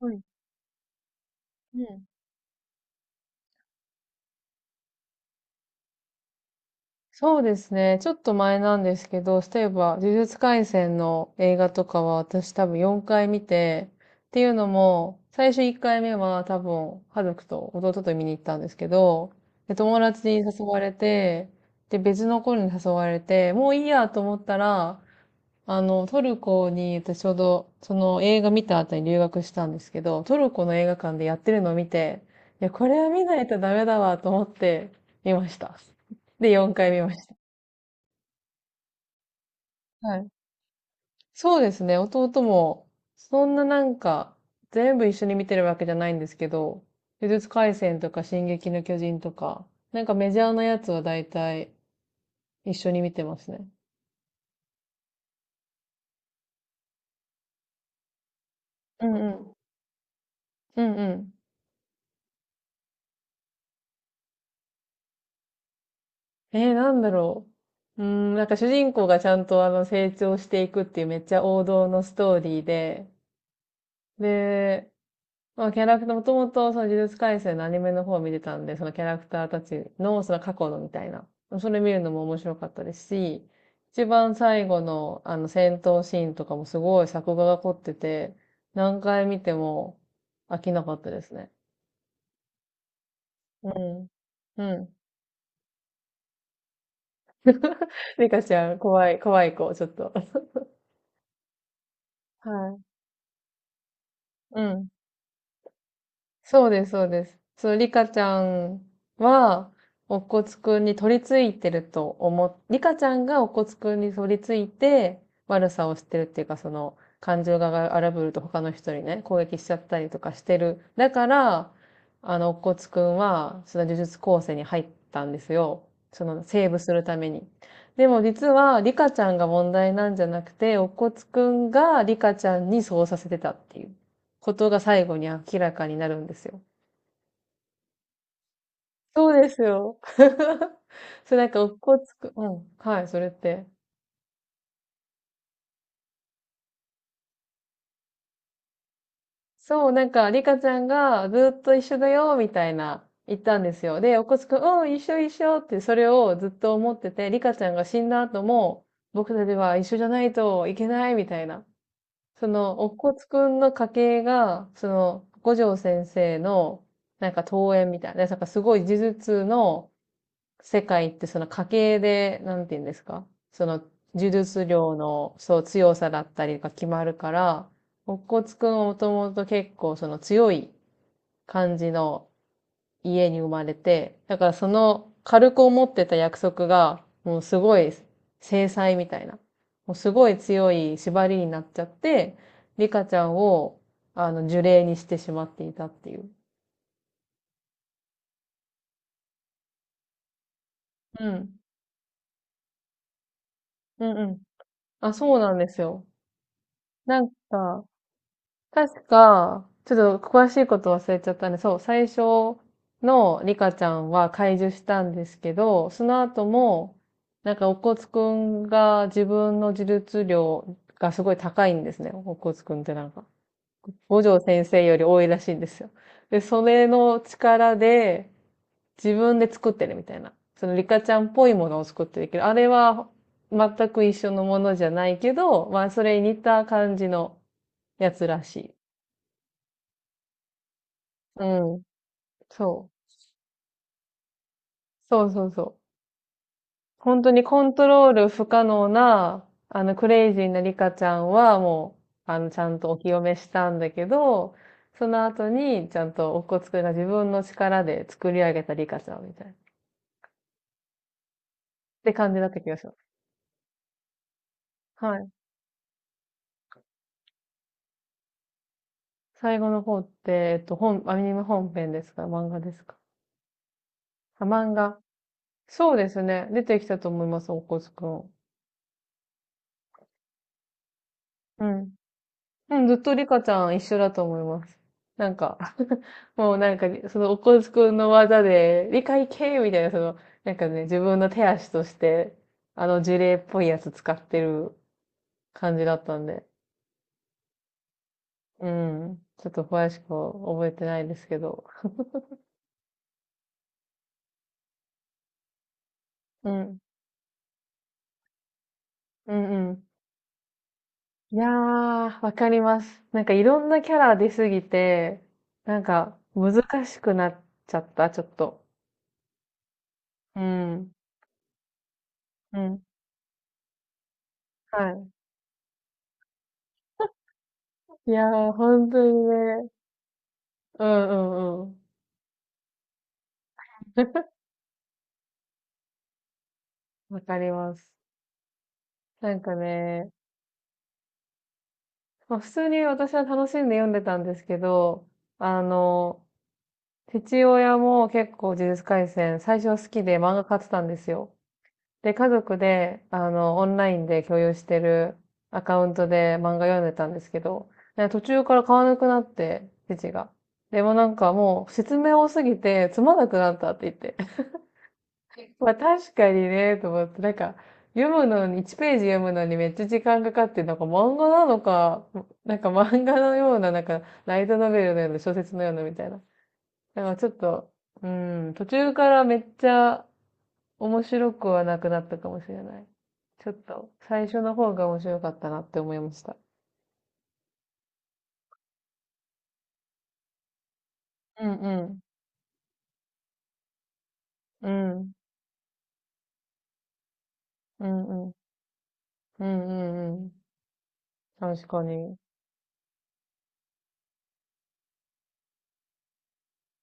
はい。うん。そうですね。ちょっと前なんですけど、例えば、呪術廻戦の映画とかは私多分4回見て、っていうのも、最初1回目は多分、家族と弟と見に行ったんですけど、で、友達に誘われて、で、別の子に誘われて、もういいやと思ったら、トルコに、私ちょうど、その映画見た後に留学したんですけど、トルコの映画館でやってるのを見て、いや、これは見ないとダメだわと思って見ました。で、4回見ました。はい。そうですね、弟も、そんな全部一緒に見てるわけじゃないんですけど、呪術廻戦とか進撃の巨人とか、なんかメジャーなやつは大体一緒に見てますね。うんうん。うんうん。なんだろう。なんか主人公がちゃんと成長していくっていうめっちゃ王道のストーリーで、で、まあキャラクター、もともとその呪術廻戦のアニメの方を見てたんで、そのキャラクターたちのその過去のみたいな、それ見るのも面白かったですし、一番最後のあの戦闘シーンとかもすごい作画が凝ってて、何回見ても飽きなかったですね。うん。うん。リカちゃん、怖い、怖い子、ちょっと。はい。うん。そうです、そうです。そう、リカちゃんは、おこつくんに取り付いてると思っ、リカちゃんがおこつくんに取り付いて、悪さをしてるっていうか、その、感情が荒ぶると他の人にね、攻撃しちゃったりとかしてる。だから、おこつくんは、その呪術高専に入ったんですよ。その、セーブするために。でも実は、リカちゃんが問題なんじゃなくて、おこつくんがリカちゃんにそうさせてたっていうことが最後に明らかになるんですよ。そうですよ。それなんか、おっこつく、うん、はい、それって。そう、なんか、リカちゃんがずっと一緒だよ、みたいな言ったんですよ。で、おっこつくん、うん、一緒一緒ってそれをずっと思ってて、リカちゃんが死んだ後も、僕たちは一緒じゃないといけない、みたいな。その、おっこつくんの家系が、その、五条先生の、なんか、遠縁みたいな、なんかすごい呪術の、世界ってその家系で、なんて言うんですかその呪術量の強さだったりが決まるから、乙骨くんはもともと結構その強い感じの家に生まれて、だからその軽く思ってた約束がもうすごい制裁みたいな、もうすごい強い縛りになっちゃって、リカちゃんを呪霊にしてしまっていたっていう。うん。うんうん。あ、そうなんですよ。なんか、確か、ちょっと詳しいこと忘れちゃったね。そう、最初のリカちゃんは解除したんですけど、その後も、なんか、お骨くんが自分の自立量がすごい高いんですね。お骨くんってなんか、五条先生より多いらしいんですよ。で、それの力で自分で作ってるみたいな。そのリカちゃんっぽいものを作ってるけど、あれは全く一緒のものじゃないけど、まあ、それに似た感じのやつらしい。うん。そう。そうそうそう。本当にコントロール不可能な、クレイジーなリカちゃんはもう、ちゃんとお清めしたんだけど、その後に、ちゃんとおこつくんが自分の力で作り上げたリカちゃんみたいな。って感じだった気がします。はい。最後の方って、アニメ本編ですか漫画ですか？あ、漫画。そうですね。出てきたと思います、おこつくん。うん。うん、ずっとリカちゃん一緒だと思います。なんか もうなんか、そのおこづくんの技で、理解系みたいな、その、なんかね、自分の手足として、あの呪霊っぽいやつ使ってる感じだったんで。うん。ちょっと詳しく覚えてないですけど。うん。うんうん。いやー、わかります。なんかいろんなキャラ出すぎて、なんか難しくなっちゃった、ちょっと。うん。うん。はい。いやー、本当にね。うんうんうん。わかります。なんかね、まあ、普通に私は楽しんで読んでたんですけど、あの、父親も結構呪術廻戦最初好きで漫画買ってたんですよ。で、家族で、オンラインで共有してるアカウントで漫画読んでたんですけど、ね途中から買わなくなって、父が。でもなんかもう説明多すぎてつまんなくなったってまあ確かにね、と思って、読むのに、1ページ読むのにめっちゃ時間かかって、なんか漫画なのか、なんか漫画のような、なんか、ライトノベルのような、小説のようなみたいな。なんかちょっと、うん、途中からめっちゃ面白くはなくなったかもしれない。ちょっと、最初の方が面白かったなって思いました。うんうん。うん。うんうん。うんうんうん。確かに。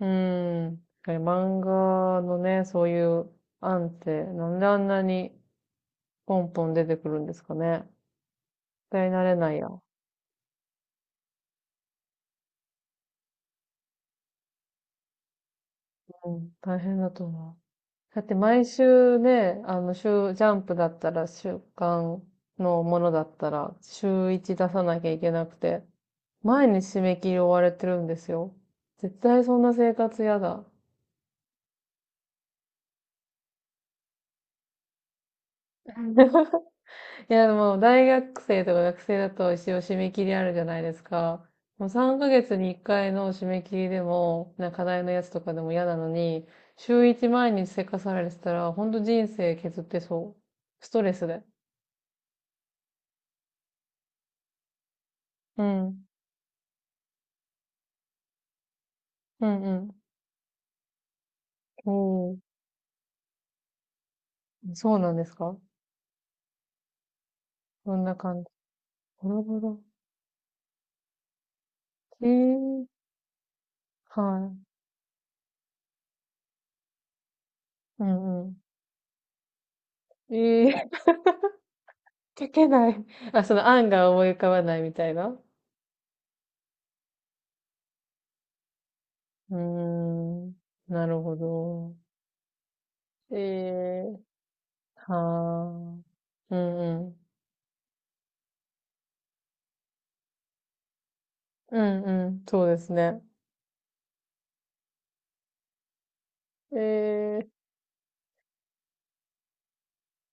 うーん。漫画のね、そういう案って、なんであんなにポンポン出てくるんですかね。絶対慣れないや。うん、大変だと思う。だって毎週ね、ジャンプだったら、週刊のものだったら、週一出さなきゃいけなくて、毎日締め切り追われてるんですよ。絶対そんな生活やだ。いや、でも、大学生とか学生だと一応締め切りあるじゃないですか。もう3ヶ月に1回の締め切りでも、なんか課題のやつとかでも嫌なのに、週1毎日せかされてたら、ほんと人生削ってそう。ストレスで。うん。うんうん。おー、そうなんですか？そんな感じ。なるほど。えー、はい。うんうん。えー、書けない。あ、その案が思い浮かばないみたいな。うーん。なるほど。ええ。はあ。うんうん。うんうん。そうですね。ええ。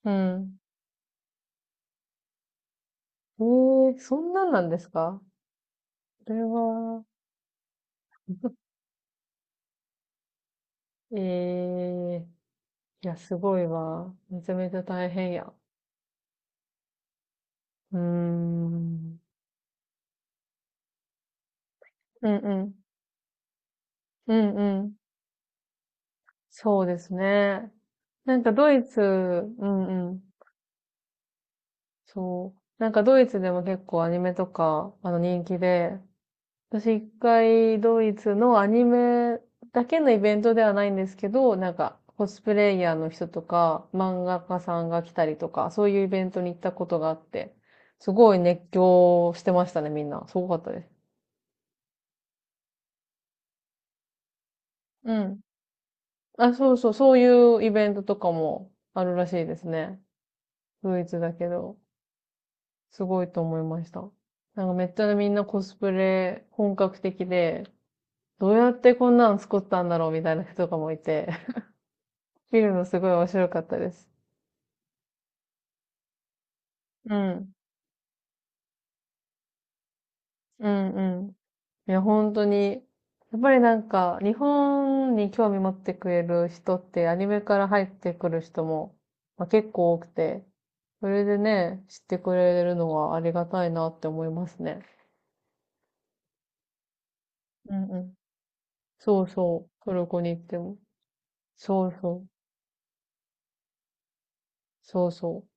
うん。ええ、そんなんなんですか？これは、ええ。いや、すごいわ。めちゃめちゃ大変や。うーん。うんうん。うんうん。そうですね。なんかドイツ、うんうん。そう。なんかドイツでも結構アニメとか、あの人気で、私一回ドイツのアニメだけのイベントではないんですけど、なんかコスプレイヤーの人とか漫画家さんが来たりとか、そういうイベントに行ったことがあって、すごい熱狂してましたね、みんな。すごかったです。うん。あ、そうそう、そういうイベントとかもあるらしいですね。ドイツだけど、すごいと思いました。なんかめっちゃみんなコスプレ本格的で、どうやってこんなの作ったんだろうみたいな人とかもいて、見るのすごい面白かったです。うん。うんうん。いや、本当に。やっぱりなんか、日本に興味持ってくれる人って、アニメから入ってくる人も、まあ、結構多くて、それでね、知ってくれるのはありがたいなって思いますね。うんうん。そうそう。トルコに行っても。そうそう。そうそう。